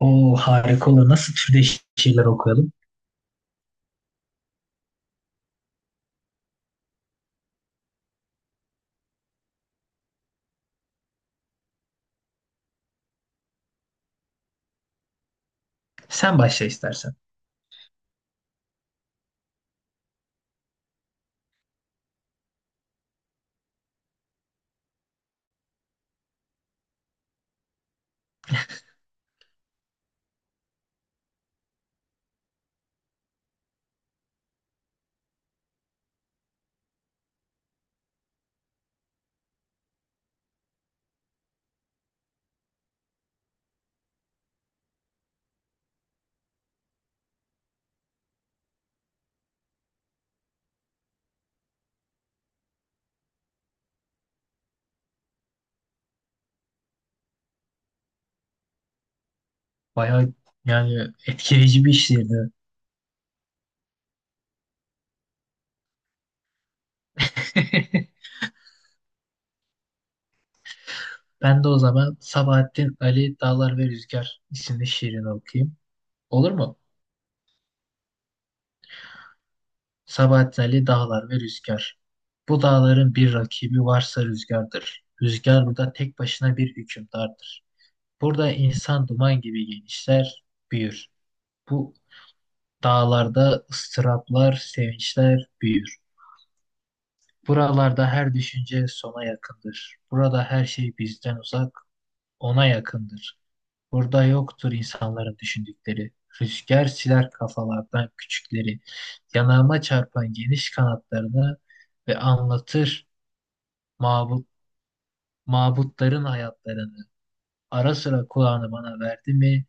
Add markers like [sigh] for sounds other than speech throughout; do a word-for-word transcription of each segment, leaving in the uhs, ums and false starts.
O harika olur. Nasıl türde ş- şeyler okuyalım? Sen başla istersen. Bayağı yani etkileyici bir şiirdi. [laughs] Ben de o zaman Sabahattin Ali Dağlar ve Rüzgar isimli şiirini okuyayım. Olur mu? Sabahattin Ali Dağlar ve Rüzgar. Bu dağların bir rakibi varsa rüzgardır. Rüzgar burada tek başına bir hükümdardır. Burada insan duman gibi genişler, büyür. Bu dağlarda ıstıraplar, sevinçler büyür. Buralarda her düşünce sona yakındır. Burada her şey bizden uzak, ona yakındır. Burada yoktur insanların düşündükleri. Rüzgar siler kafalardan küçükleri. Yanağıma çarpan geniş kanatlarını ve anlatır mabut, mabutların hayatlarını. Ara sıra kulağını bana verdi mi,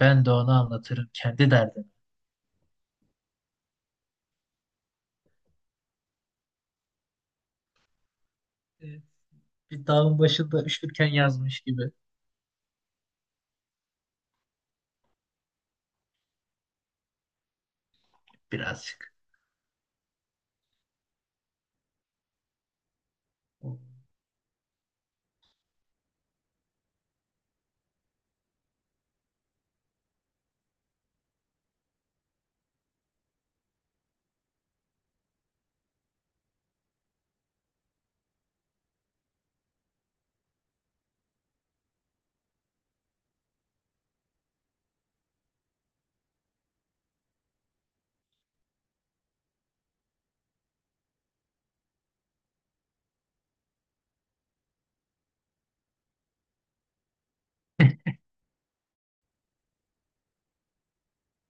ben de ona anlatırım kendi derdimi. Evet, bir dağın başında üşürken yazmış gibi birazcık.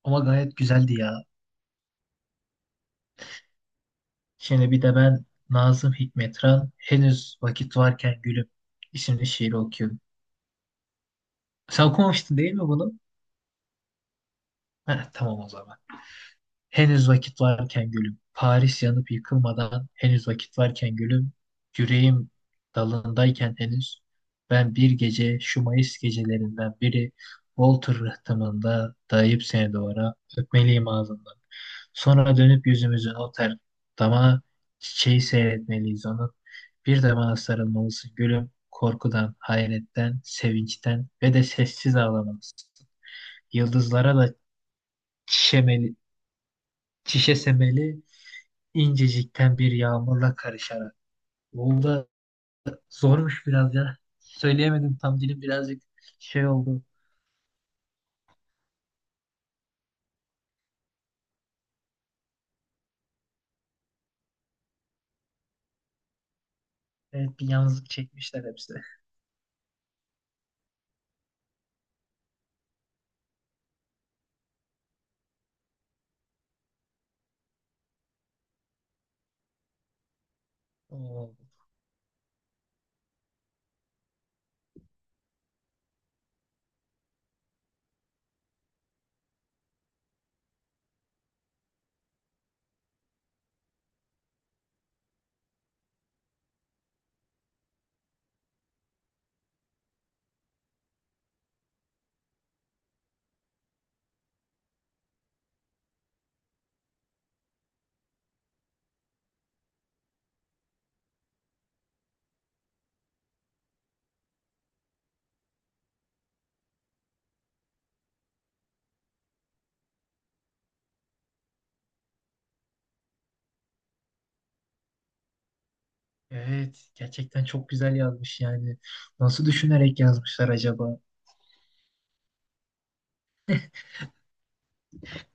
Ama gayet güzeldi ya. Şimdi bir de ben Nazım Hikmetran henüz vakit varken gülüm isimli şiiri okuyorum. Sen okumamıştın değil mi bunu? Heh, tamam o zaman. Henüz vakit varken gülüm, Paris yanıp yıkılmadan henüz vakit varken gülüm, yüreğim dalındayken henüz, ben bir gece şu Mayıs gecelerinden biri Walter rıhtımında dayayıp seni duvara öpmeliyim ağzından. Sonra dönüp yüzümüzün o ter dama çiçeği seyretmeliyiz onun. Bir de bana sarılmalısın gülüm, korkudan, hayretten, sevinçten ve de sessiz ağlamalısın. Yıldızlara da çişemeli, çişesemeli incecikten bir yağmurla karışarak. Bu da zormuş biraz ya. Söyleyemedim tam dilim birazcık şey oldu. Evet bir yalnızlık çekmişler hepsi. Oo, evet gerçekten çok güzel yazmış yani. Nasıl düşünerek yazmışlar acaba?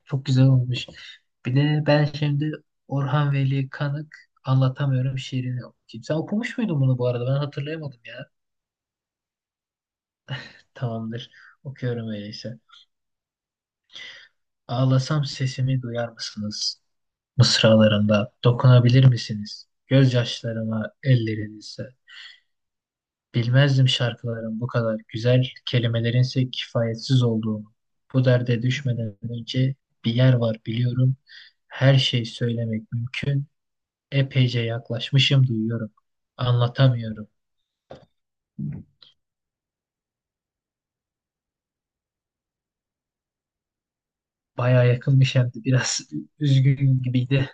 Çok güzel olmuş. Bir de ben şimdi Orhan Veli Kanık anlatamıyorum şiirini okuyayım. Sen okumuş muydun bunu bu arada? Ben hatırlayamadım ya. Tamamdır. Okuyorum öyleyse. Ağlasam sesimi duyar mısınız mısralarında dokunabilir misiniz? Gözyaşlarıma ellerinizle. Bilmezdim şarkıların bu kadar güzel, kelimelerinse kifayetsiz olduğunu. Bu derde düşmeden önce bir yer var biliyorum. Her şey söylemek mümkün. Epeyce yaklaşmışım duyuyorum. Anlatamıyorum. Baya yakınmış hem de biraz [laughs] üzgün gibiydi.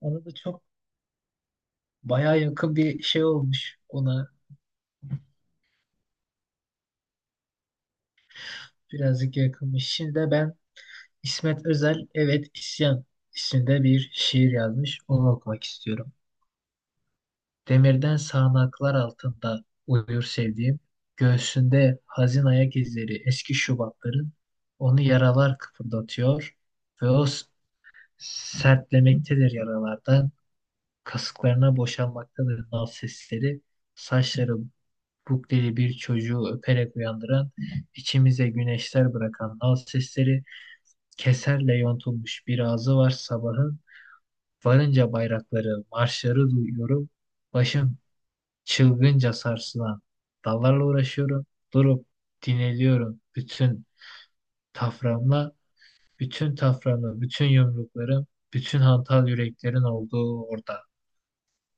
Ona da çok baya yakın bir şey olmuş ona. Birazcık yakınmış. Şimdi de ben İsmet Özel, evet İsyan isimde bir şiir yazmış. Onu okumak istiyorum. Demirden sağanaklar altında uyur sevdiğim, göğsünde hazin ayak izleri eski Şubatların, onu yaralar kıpırdatıyor ve o s- sertlemektedir yaralardan, kasıklarına boşalmaktadır nal sesleri, saçları Buk diye bir çocuğu öperek uyandıran, içimize güneşler bırakan nal sesleri, keserle yontulmuş bir ağzı var sabahın, varınca bayrakları, marşları duyuyorum, başım çılgınca sarsılan dallarla uğraşıyorum, durup dinleniyorum bütün taframla, bütün taframla, bütün yumruklarım, bütün hantal yüreklerin olduğu orada.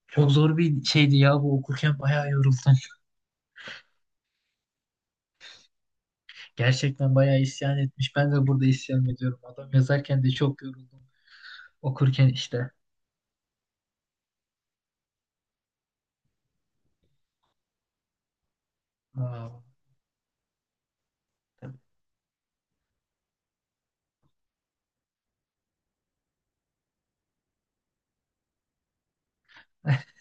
Çok zor bir şeydi ya bu okurken bayağı yoruldum. Gerçekten bayağı isyan etmiş. Ben de burada isyan ediyorum. Adam yazarken de çok yoruldum. Okurken işte. Aa, [laughs]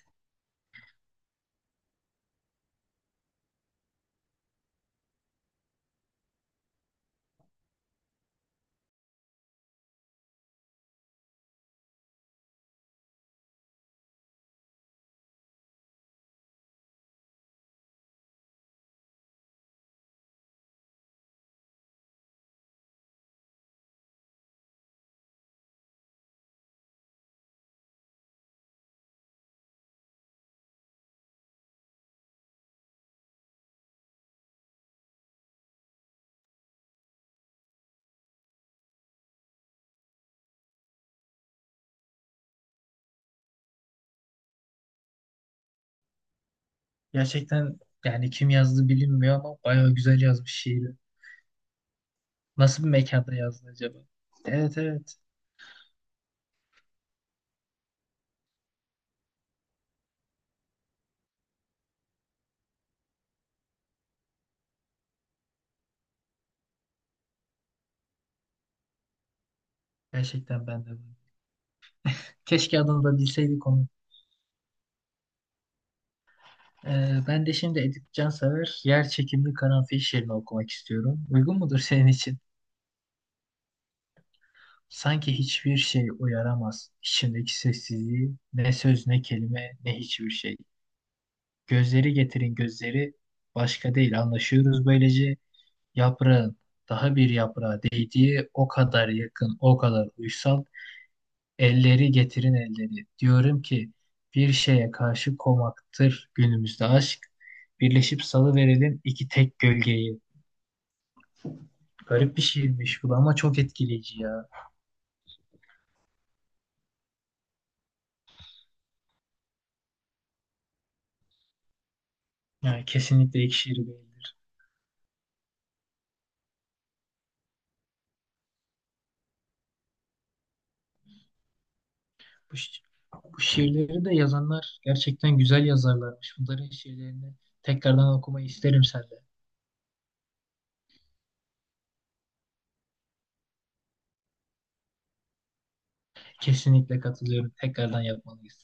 gerçekten yani kim yazdı bilinmiyor ama bayağı güzel yazmış şiiri. Nasıl bir mekanda yazdı acaba? Evet, evet. Gerçekten ben de. Keşke adını da bilseydik onu. Ee, ben de şimdi Edip Cansever Yer Çekimli Karanfil şiirini okumak istiyorum. Uygun mudur senin için? Sanki hiçbir şey uyaramaz. İçimdeki sessizliği, ne söz ne kelime ne hiçbir şey. Gözleri getirin gözleri başka değil anlaşıyoruz böylece. Yaprağın daha bir yaprağa değdiği o kadar yakın o kadar uysal. Elleri getirin elleri. Diyorum ki bir şeye karşı komaktır günümüzde aşk. Birleşip salıverelim iki tek gölgeyi. Garip bir şiirmiş bu da ama çok etkileyici ya. Yani kesinlikle ilk şiir değildir. Bu, şi- Bu şiirleri de yazanlar gerçekten güzel yazarlarmış. Bunların şiirlerini tekrardan okumayı isterim senden. Kesinlikle katılıyorum. Tekrardan yapmalıyız.